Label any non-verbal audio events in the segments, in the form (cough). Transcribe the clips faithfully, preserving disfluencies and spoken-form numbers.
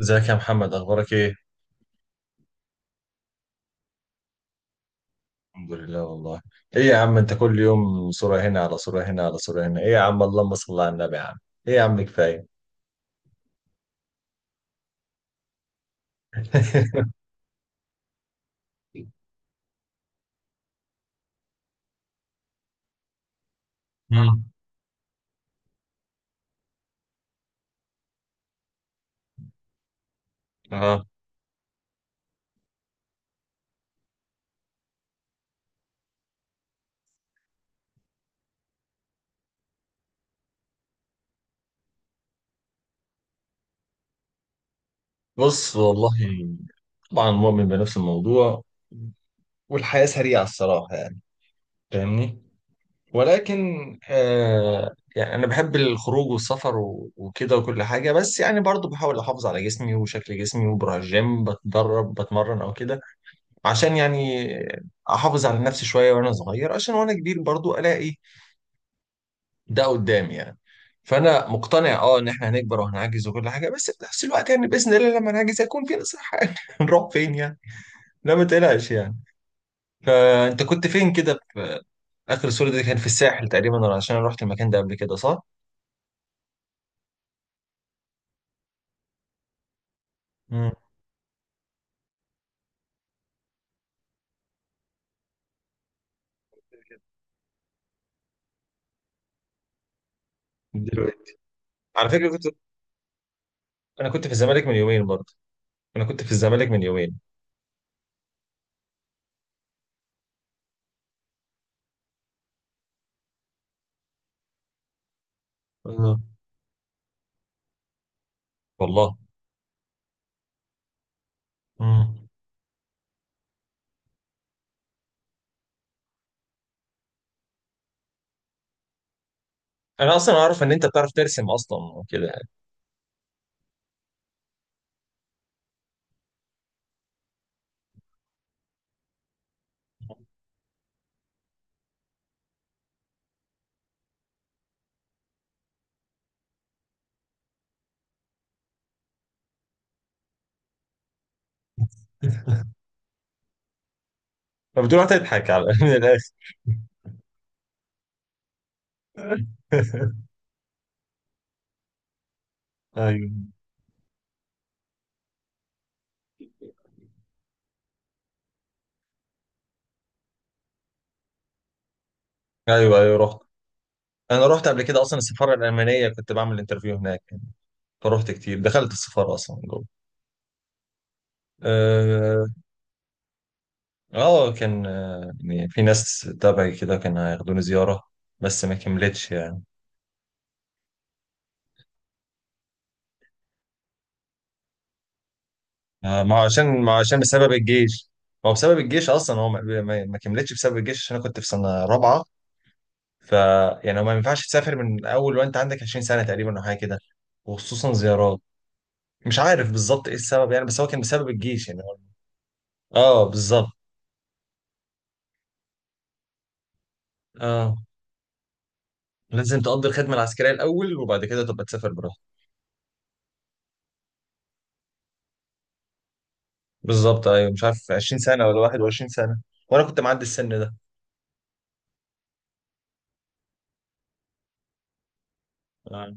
ازيك يا محمد، اخبارك ايه؟ الحمد لله والله. ايه يا عم، انت كل يوم صورة هنا على صورة هنا على صورة هنا، ايه يا عم، اللهم صل على النبي يا عم. ايه يا عم كفاية. (laughs) مم. اه، بص والله، طبعا مؤمن بنفس الموضوع. والحياة سريعة الصراحة يعني، فاهمني، ولكن آه يعني أنا بحب الخروج والسفر و- وكده وكل حاجة، بس يعني برضو بحاول أحافظ على جسمي وشكل جسمي، وبروح الجيم بتدرب بتمرن أو كده، عشان يعني احافظ على نفسي شويه وانا صغير، عشان وانا كبير برضو الاقي ده قدامي يعني. فانا مقتنع اه ان احنا هنكبر وهنعجز وكل حاجه، بس في نفس الوقت يعني باذن الله لما نعجز هيكون في نصيحه يعني (laughs) هنروح فين يعني، لا ما تقلقش يعني. فانت كنت فين كده، في اخر الصوره دي كان في الساحل تقريبا؟ ولا عشان انا رحت المكان ده قبل كده، صح؟ امم. دلوقتي، على فكره كنت، انا كنت في الزمالك من يومين برضه، انا كنت في الزمالك من يومين. آه. والله. امم. انا اصلا اعرف ان انت بتعرف ترسم اصلا وكده يعني. فبتروح تضحك على (laughs) من الاخر. (laughs) ايوه، ايوه، ايوه رحت. انا رحت قبل كده اصلا السفاره الالمانيه، كنت بعمل انترفيو هناك، فرحت كتير، دخلت السفاره اصلا جوه. اه. آه، كان آه، يعني في ناس تبعي كده كان هياخدوني زياره، بس ما كملتش يعني. آه ما هو عشان، ما هو عشان بسبب الجيش، ما هو بسبب الجيش اصلا، هو ما, ما ما كملتش بسبب الجيش عشان انا كنت في سنه رابعه. ف يعني ما ينفعش تسافر من اول وانت عندك عشرين سنه تقريبا او حاجه كده، وخصوصا زيارات. مش عارف بالظبط ايه السبب يعني، بس هو كان بسبب الجيش يعني. اه بالظبط. اه لازم تقضي الخدمة العسكرية الأول، وبعد كده تبقى تسافر براحتك. بالظبط أيوة، مش عارف عشرين سنة ولا واحد وعشرين سنة، وأنا كنت معدي السن ده. اه.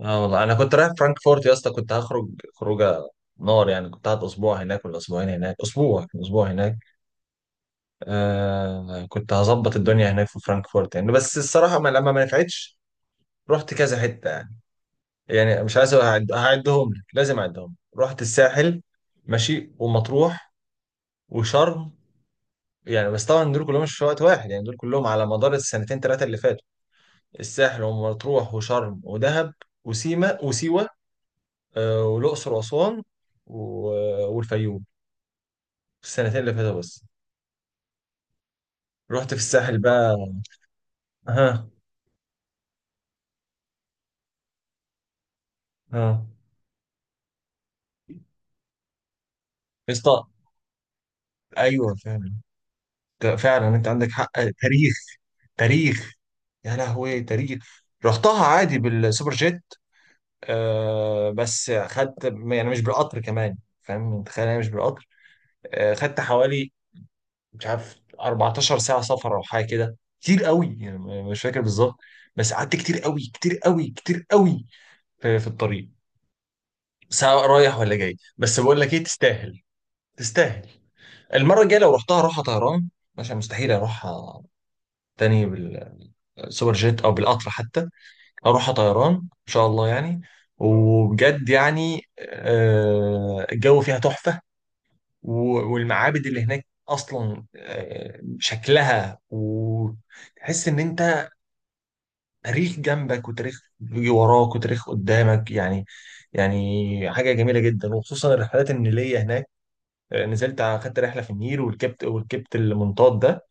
آه والله، أنا كنت رايح فرانكفورت يا اسطى، كنت هخرج خروجة نار يعني، كنت قاعد أسبوع هناك ولا أسبوعين هناك، أسبوع، كان أسبوع هناك. آه كنت هظبط الدنيا هناك في فرانكفورت يعني، بس الصراحة ما لما ما نفعتش. رحت كذا حتة يعني. يعني مش عايز أعد- هعدهم لك، لازم اعدهم لك، رحت الساحل ماشي، ومطروح، وشرم، يعني بس طبعا دول كلهم مش في وقت واحد يعني، دول كلهم على مدار السنتين ثلاثه اللي فاتوا، الساحل ومطروح وشرم ودهب وسيما وسيوه، آه، والاقصر واسوان و- والفيوم، السنتين اللي فاتوا بس. رحت في الساحل بقى. ها. ها. اسطى. ايوه فعلا، فعلا انت عندك حق. تاريخ. تاريخ. يا لهوي تاريخ. رحتها عادي بالسوبر جيت، آه بس خدت، يعني مش بالقطر كمان، فاهم انت، تخيل انا مش بالقطر، آه خدت حوالي، مش عارف، أربعتاشر ساعة سفر او حاجة كده، كتير قوي يعني، م- مش فاكر بالظبط، بس قعدت كتير قوي كتير قوي كتير قوي في, في الطريق، سواء رايح ولا جاي، بس بقول لك ايه، تستاهل. تستاهل. المرة الجاية لو رحتها روحها طيران، عشان مستحيل اروحها تاني بالسوبر جيت او بالقطر حتى، اروحها طيران ان شاء الله يعني. وبجد يعني آه الجو فيها تحفة، و- والمعابد اللي هناك اصلا، آه، شكلها، وتحس ان انت تاريخ جنبك، وتاريخ بيجي وراك، وتاريخ قدامك يعني، يعني حاجه جميله جدا، وخصوصا الرحلات النيليه هناك. آه، نزلت اخدت رحله في النيل، وركبت وركبت المنطاد ده،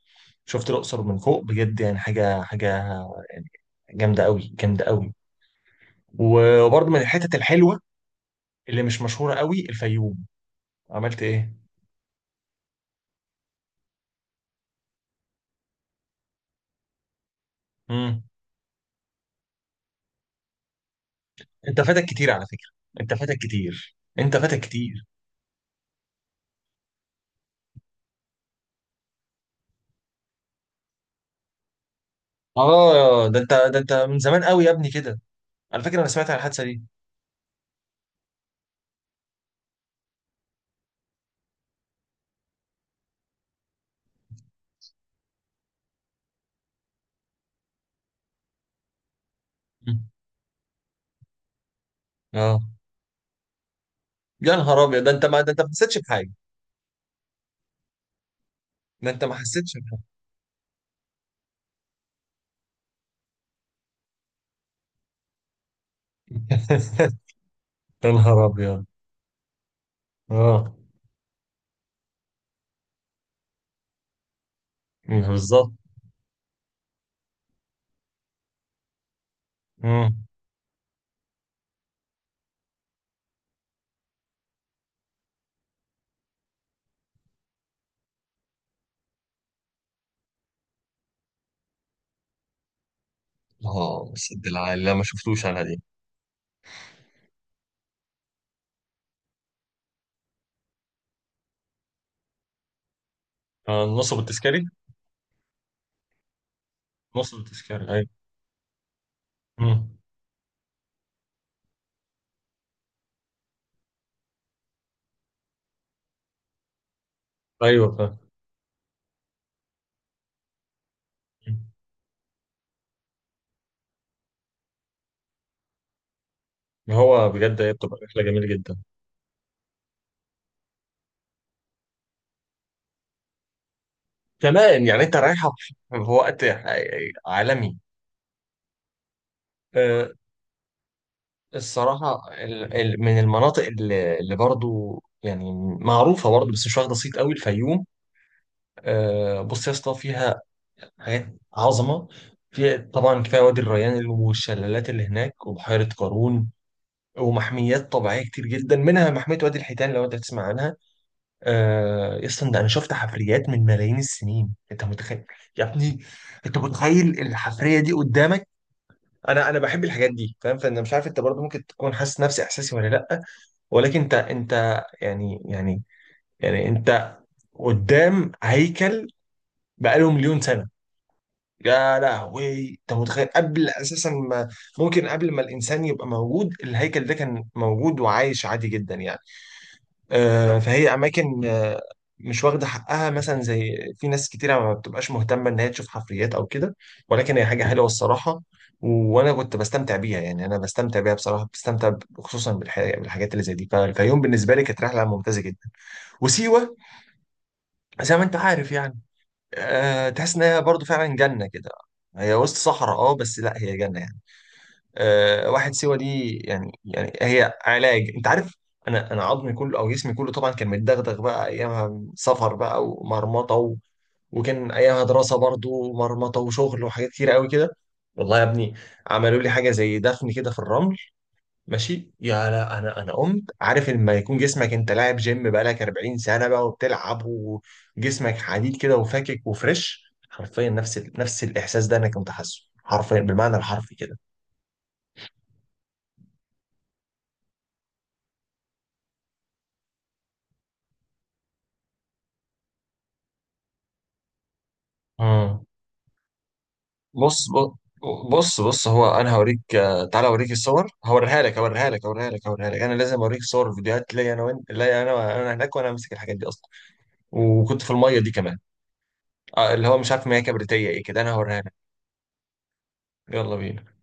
شفت الاقصر من فوق، بجد يعني حاجه، حاجه يعني جامده قوي، جامده قوي. وبرضه من الحتت الحلوه اللي مش مشهوره قوي الفيوم. عملت. ايه؟ انت فاتك كتير على فكرة، انت فاتك كتير، انت فاتك كتير. اه ده انت، ده انت من زمان قوي يا ابني كده. على فكرة انا سمعت عن الحادثة دي. مم. اه. يا نهار ابيض، ده انت ما ده انت ما حسيتش بحاجة، ده انت ما حسيتش بحاجة. (laughs) يا نهار ابيض. اه. مم، بالظبط. مم. اه، سد العالي لا ما شفتوش انا دي. آه، نصب التذكاري. نصب التذكاري، ايوه. مم. ايوه فاهم. مم. هو بجد هي بتبقى رحله جميله جدا، كمان يعني انت رايحه في وقت عالمي. آه، الصراحة، ال- ال- من المناطق اللي, اللي برضو يعني معروفة برضو، بس مش واخدة صيت قوي الفيوم. آه، بص يا اسطى فيها حاجات عظمة. فيها طبعا كفاية وادي الريان، والشلالات اللي هناك، وبحيرة قارون، ومحميات طبيعية كتير جدا، منها محمية وادي الحيتان لو انت تسمع عنها. آه، يا اسطى، ده انا شفت حفريات من ملايين السنين، انت متخيل يا ابني؟ انت متخيل الحفرية دي قدامك؟ انا انا بحب الحاجات دي، فاهم، فانا مش عارف انت برضو ممكن تكون حاسس نفس احساسي ولا لا، ولكن انت انت يعني، يعني يعني انت قدام هيكل بقاله مليون سنه. يا لهوي، انت متخيل قبل اساسا ما، ممكن قبل ما الانسان يبقى موجود الهيكل ده كان موجود وعايش عادي جدا يعني. آه فهي اماكن آه مش واخده حقها، مثلا زي في ناس كتيره ما بتبقاش مهتمه ان هي تشوف حفريات او كده، ولكن هي حاجه حلوه الصراحه، و- وانا كنت بستمتع بيها يعني، انا بستمتع بيها بصراحه، بستمتع ب- خصوصا بالح- بالحاجات اللي زي دي. فالفيوم بالنسبه لي كانت رحله ممتازه جدا، وسيوة زي ما انت عارف يعني. أه تحس ان هي برضه فعلا جنة كده، هي وسط صحراء، اه بس لا هي جنة يعني. أه واحد، سيوة دي يعني، يعني هي علاج، انت عارف، انا انا عظمي كله او جسمي كله طبعا كان متدغدغ بقى ايامها، سفر بقى، ومرمطة و... وكان ايامها دراسة برضه، ومرمطة وشغل وحاجات كتير قوي كده. والله يا ابني عملوا لي حاجة زي دفن كده في الرمل، ماشي. يا لا، انا انا قمت، عارف لما يكون جسمك، انت لاعب جيم بقالك أربعين سنه بقى وبتلعب وجسمك حديد كده وفاكك وفريش، حرفيا نفس ال... نفس الاحساس ده انا كنت حاسه، حرفيا بالمعنى الحرفي كده. امم. بص، بص بص، هو انا هوريك، آه، تعالى اوريك الصور، هوريها لك هوريها لك هوريها لك هوريها لك، انا لازم اوريك صور فيديوهات ليا انا وانت، ليا انا، انا هناك وانا ماسك الحاجات دي اصلا، وكنت في الميه دي كمان، آه، اللي هو مش عارف ما هي كبريتيه ايه كده، انا هوريها لك. يلا بينا.